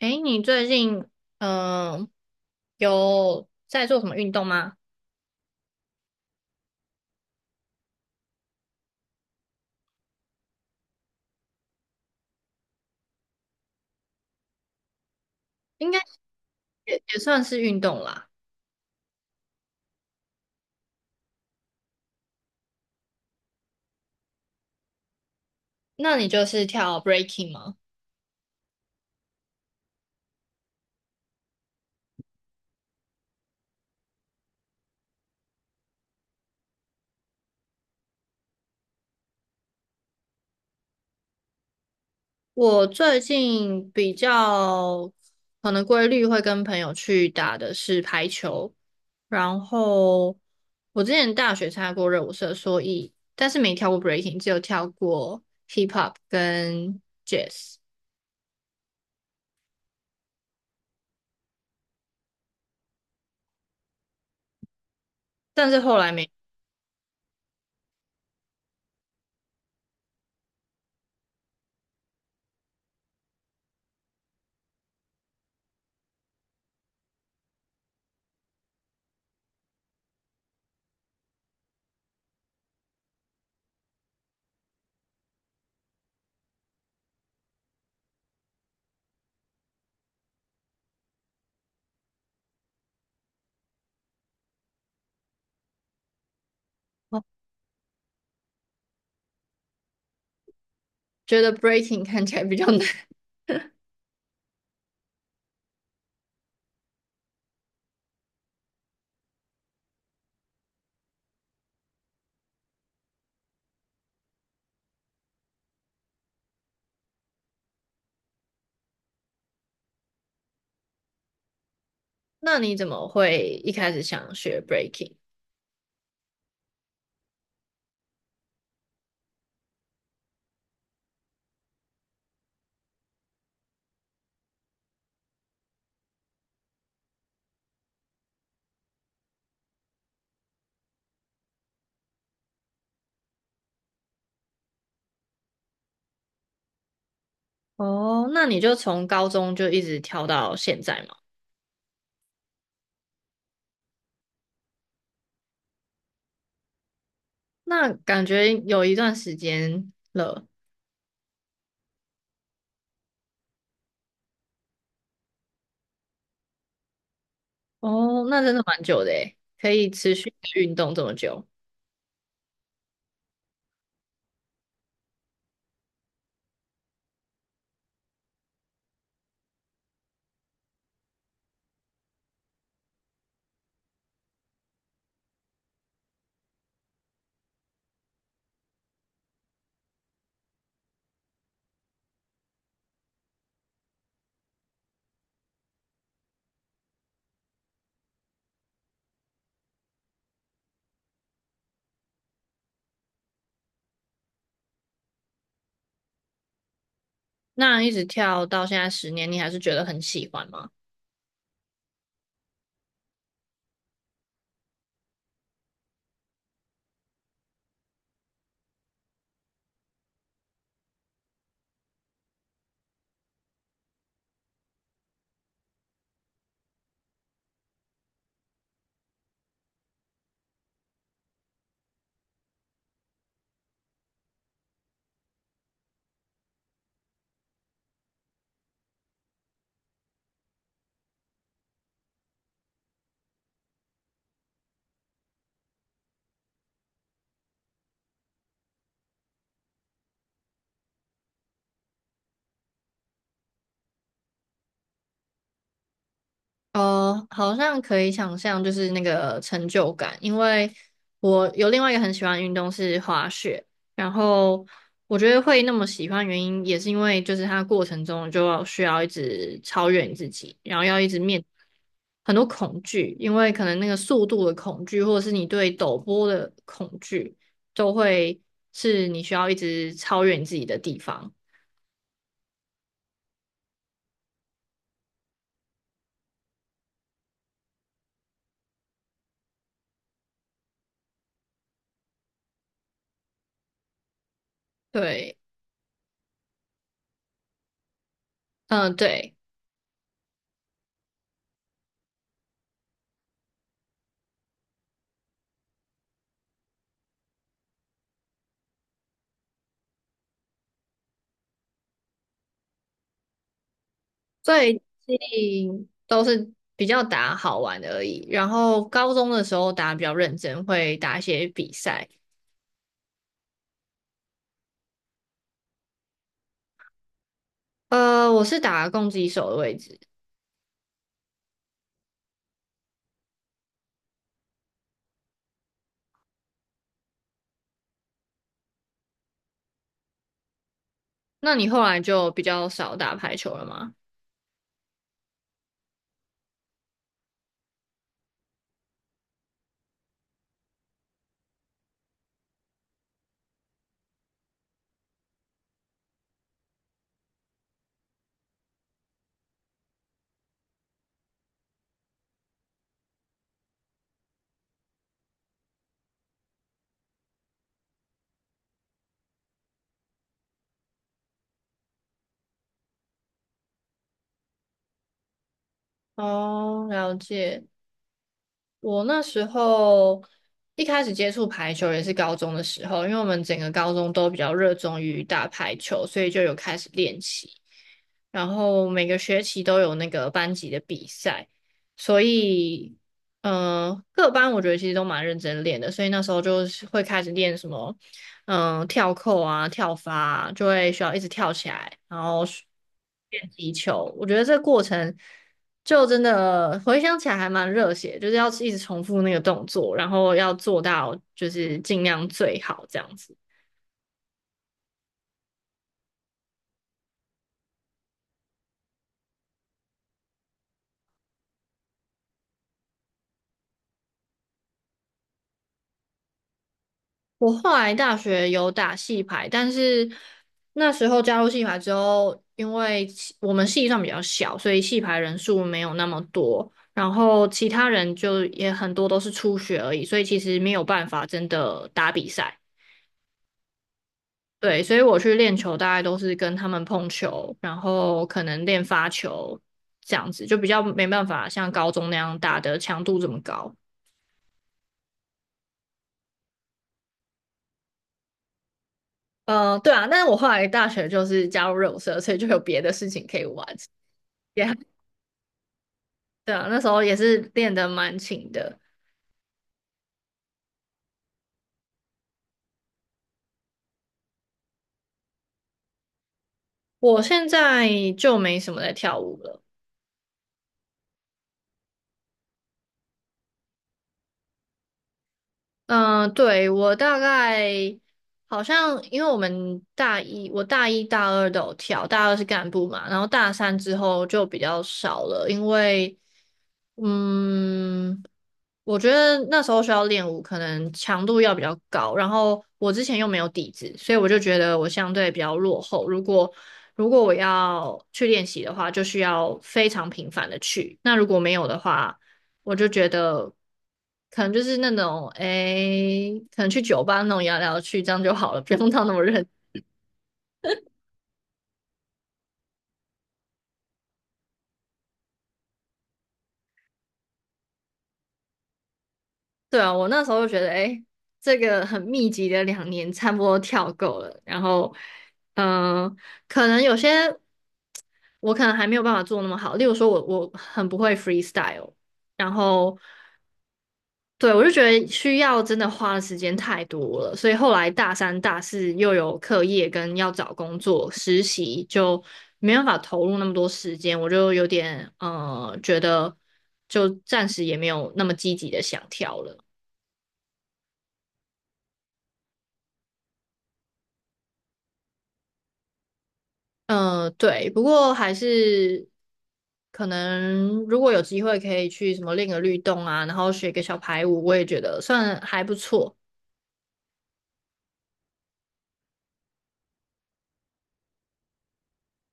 诶，你最近嗯、呃有在做什么运动吗？应该也算是运动啦。那你就是跳 breaking 吗？我最近比较可能规律会跟朋友去打的是排球，然后我之前大学参加过热舞社，所以但是没跳过 breaking，只有跳过 hip hop 跟 jazz，但是后来没觉得 breaking 看起来比较难。那你怎么会一开始想学 breaking？哦，那你就从高中就一直跳到现在嘛？那感觉有一段时间了。哦，那真的蛮久的诶，可以持续运动这么久，那一直跳到现在10年，你还是觉得很喜欢吗？哦，好像可以想象，就是那个成就感，因为我有另外一个很喜欢的运动是滑雪，然后我觉得会那么喜欢，原因也是因为就是它过程中就要需要一直超越你自己，然后要一直面很多恐惧，因为可能那个速度的恐惧，或者是你对陡坡的恐惧，都会是你需要一直超越你自己的地方。对，嗯、对。最近都是比较打好玩而已，然后高中的时候打比较认真，会打一些比赛。我是打攻击手的位置，那你后来就比较少打排球了吗？哦，了解。我那时候一开始接触排球也是高中的时候，因为我们整个高中都比较热衷于打排球，所以就有开始练习。然后每个学期都有那个班级的比赛，所以，各班我觉得其实都蛮认真练的，所以那时候就是会开始练什么跳扣啊、跳发啊，就会需要一直跳起来，然后练击球。我觉得这个过程就真的回想起来还蛮热血，就是要一直重复那个动作，然后要做到就是尽量最好这样子。我后来大学有打戏排，但是那时候加入戏排之后，因为我们系上比较小，所以戏排人数没有那么多，然后其他人就也很多都是初学而已，所以其实没有办法真的打比赛。对，所以我去练球大概都是跟他们碰球，然后可能练发球这样子，就比较没办法像高中那样打的强度这么高。对啊，但是我后来大学就是加入热舞社，所以就有别的事情可以玩。对啊，那时候也是练得蛮勤的。我现在就没什么在跳舞了。嗯，对，我大概好像因为我大一大二都有跳，大二是干部嘛，然后大三之后就比较少了，因为嗯，我觉得那时候需要练舞可能强度要比较高，然后我之前又没有底子，所以我就觉得我相对比较落后。如果我要去练习的话，就需要非常频繁的去，那如果没有的话。我就觉得可能就是那种，诶，可能去酒吧那种摇来摇去，这样就好了，不用到那么认。对啊，我那时候就觉得，诶，这个很密集的2年差不多跳够了，然后，嗯、可能有些我可能还没有办法做那么好，例如说我很不会 freestyle，然后。对，我就觉得需要真的花的时间太多了，所以后来大三、大四又有课业跟要找工作、实习，就没办法投入那么多时间，我就有点觉得就暂时也没有那么积极的想跳了。对，不过还是可能如果有机会可以去什么练个律动啊，然后学个小排舞，我也觉得算还不错。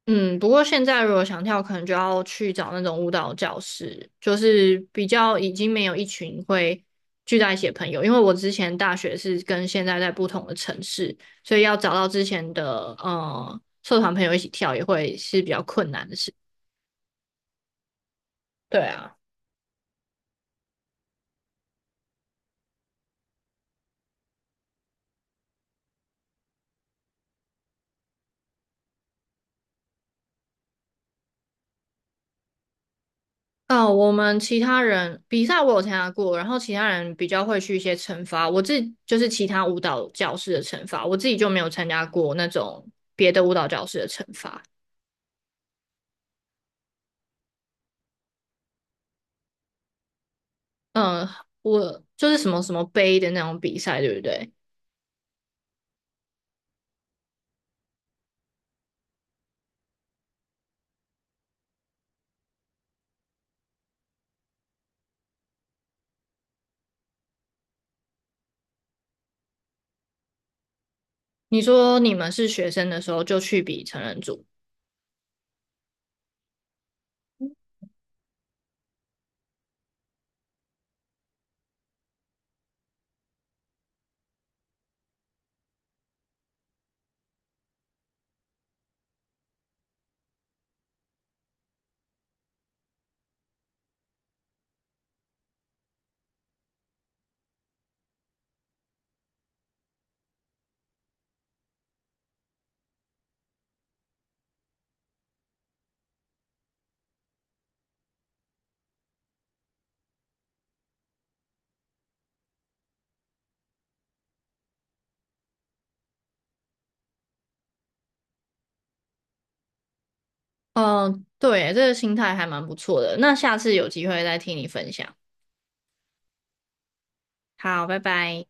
嗯，不过现在如果想跳，可能就要去找那种舞蹈教室，就是比较已经没有一群会聚在一起的朋友。因为我之前大学是跟现在在不同的城市，所以要找到之前的社团朋友一起跳，也会是比较困难的事。对啊，哦，我们其他人比赛我有参加过，然后其他人比较会去一些惩罚，我自己就是其他舞蹈教室的惩罚，我自己就没有参加过那种别的舞蹈教室的惩罚。嗯，我就是什么什么杯的那种比赛，对不对？你说你们是学生的时候就去比成人组，嗯，对，这个心态还蛮不错的。那下次有机会再听你分享。好，拜拜。